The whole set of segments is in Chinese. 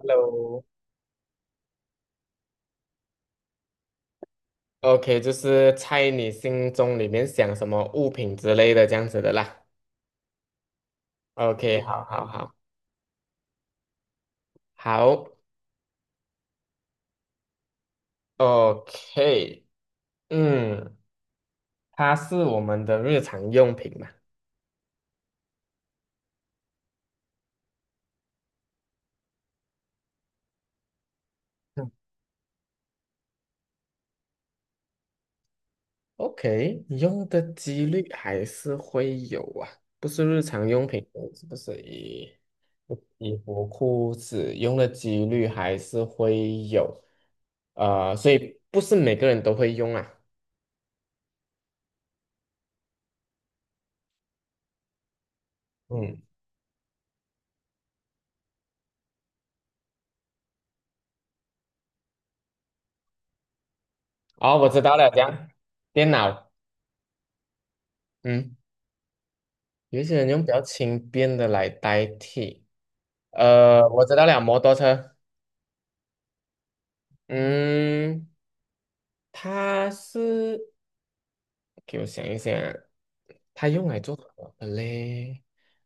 Hello。OK,就是猜你心中里面想什么物品之类的这样子的啦。OK,好好好好，OK,嗯，它是我们的日常用品嘛？嗯，？OK,用的几率还是会有啊，不是日常用品哦，是不是衣服、裤子用的几率还是会有，所以不是每个人都会用啊。嗯。哦，我知道了，这样电脑，嗯，有一些人用比较轻便的来代替。我知道了，摩托车，嗯，它是给我想一想啊，它用来做什么的嘞？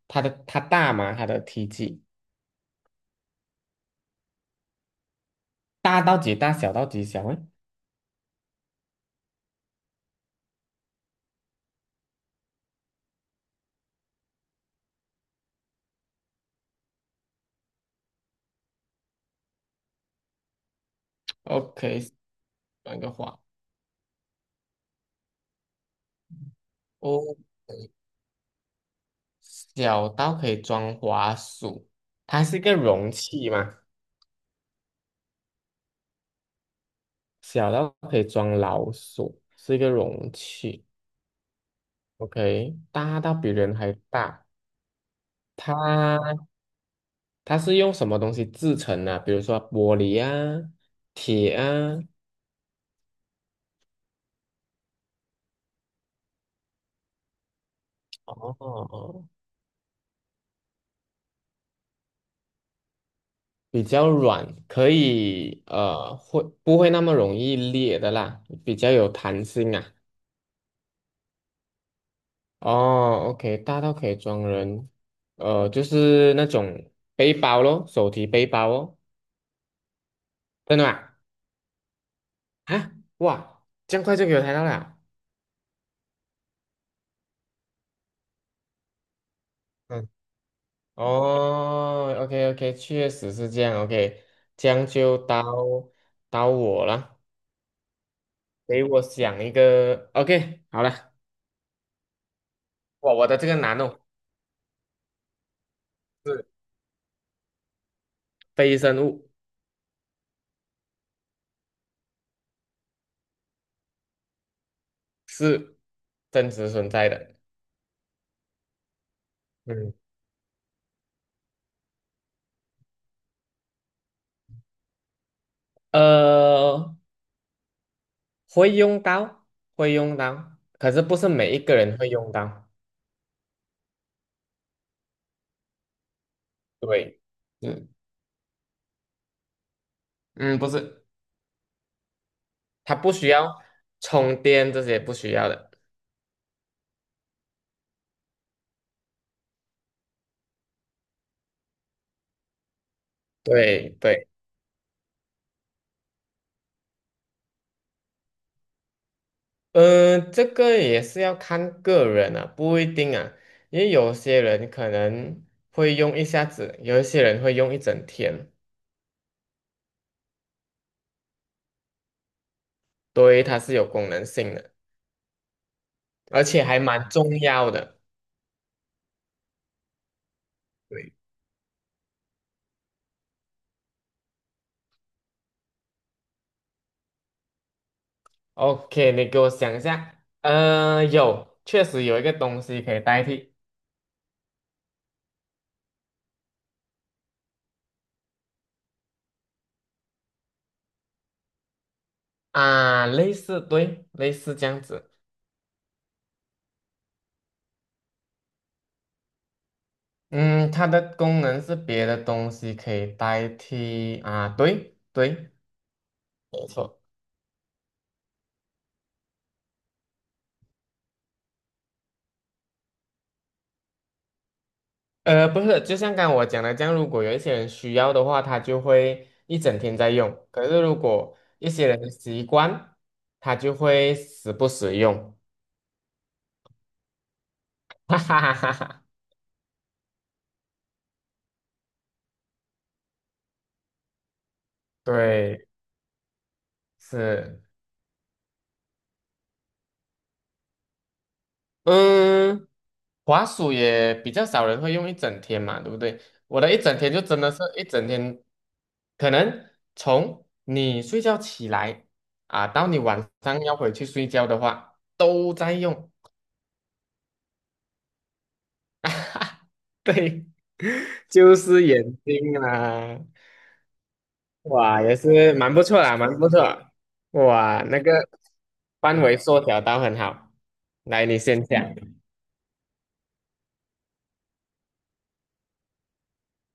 它大吗？它的体积大到几大？小到几小？诶 OK 转一个话哦，小到可以装滑鼠，它是一个容器嘛？小到可以装老鼠，是一个容器。OK,大到比人还大，它它是用什么东西制成的？比如说玻璃啊、铁啊，哦，比较软，可以会不会那么容易裂的啦？比较有弹性啊。哦，OK,大到可以装人，就是那种背包咯，手提背包哦，真的吗？啊，哇，这样快就给我抬到了。嗯。哦，OK OK,确实是这样，OK,这样就到到我了，给我想一个，OK,好了，我的这个难哦，是非生物，是真实存在的，嗯，呃，会用到，会用到，可是不是每一个人会用到，对，嗯嗯，不是，它不需要充电，这些不需要的，对对。嗯，这个也是要看个人啊，不一定啊，因为有些人可能会用一下子，有一些人会用一整天，对，它是有功能性的，而且还蛮重要的。对，OK,你给我想一下，呃，有，确实有一个东西可以代替啊，类似，对，类似这样子，嗯，它的功能是别的东西可以代替啊，对对，没错。不是，就像刚刚我讲的这样，如果有一些人需要的话，他就会一整天在用；可是如果一些人的习惯，他就会时不时用。哈哈哈哈哈，对，是，嗯，滑鼠也比较少人会用一整天嘛，对不对？我的一整天就真的是一整天，可能从你睡觉起来啊，到你晚上要回去睡觉的话，都在用。啊哈，对，就是眼睛啦，哇，也是蛮不错啦，蛮不错，哇，那个范围缩小到很好。来，你先讲。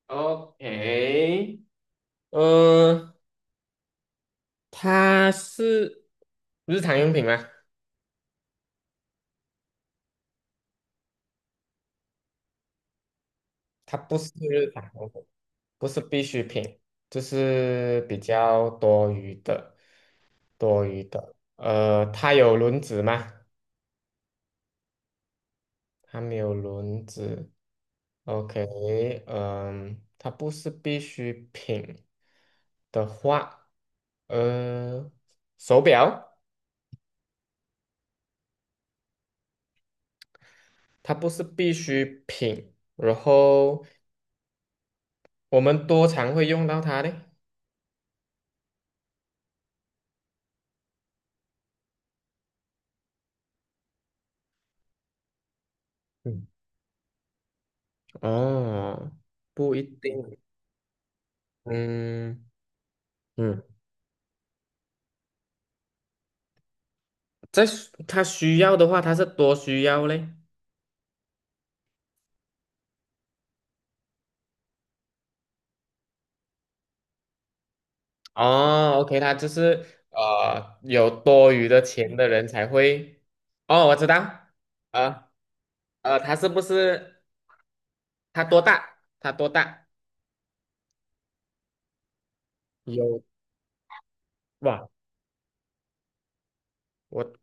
OK,呃，它是日常用品吗？它不是日常用品，不是必需品，就是比较多余的，多余的。呃，它有轮子吗？它没有轮子。OK,嗯，它不是必需品的话，呃，手表它不是必需品，然后我们多常会用到它呢？嗯，哦，不一定，嗯嗯，在需它需要的话，它是多需要嘞。哦，OK,它就是有多余的钱的人才会，哦，我知道，呃它是不是？它多大？它多大？有哇，我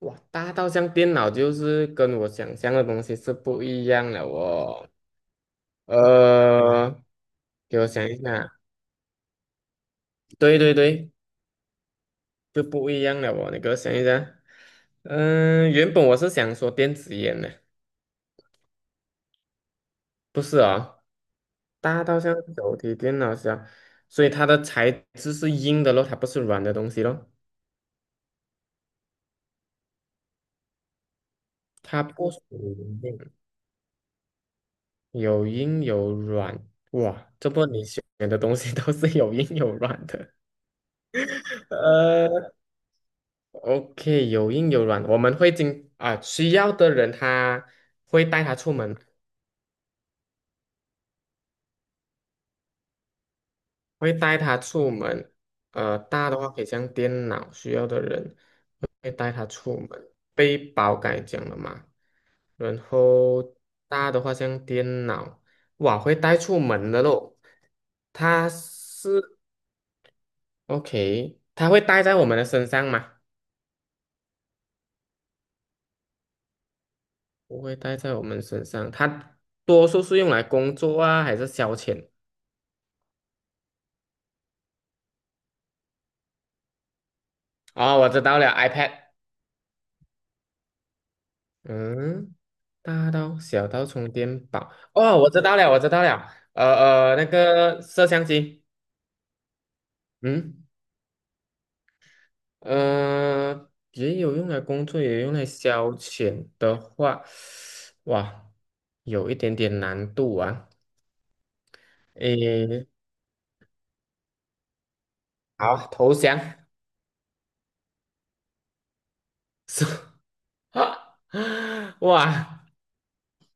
哇，大到像电脑，就是跟我想象的东西是不一样了哦。呃，给我想一下，对对对，就不一样了哦。你给我想一下，嗯、原本我是想说电子烟的，不是哦，大到像手提电脑箱，所以它的材质是硬的咯，它不是软的东西咯，它不属于硬有硬有软，哇，这波你选的东西 都是有硬有软的。呃，OK,有硬有软，我们会经啊，需要的人他会带他出门，会带他出门。呃，大的话可以像电脑，需要的人会带他出门。背包刚才讲了嘛，然后大的话像电脑，哇，会带出门的咯。它是 OK,它会带在我们的身上吗？不会带在我们身上，它多数是用来工作啊，还是消遣？哦，我知道了，iPad。嗯，大到小到充电宝。哦，我知道了，我知道了。那个摄像机。嗯，也有用来工作，也有用来消遣的话，哇，有一点点难度啊。诶，好，投降。是 哇，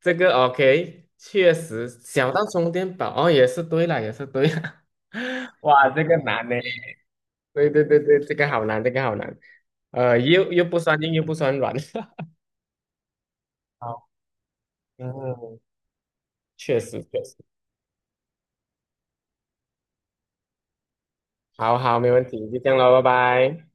这个 OK,确实小到充电宝哦，也是对了，也是对了，哇，这个难呢。对对对对，这个好难，这个好难。又不算硬，又不算软。好，嗯，确实确实。好好，没问题，就这样喽，拜拜。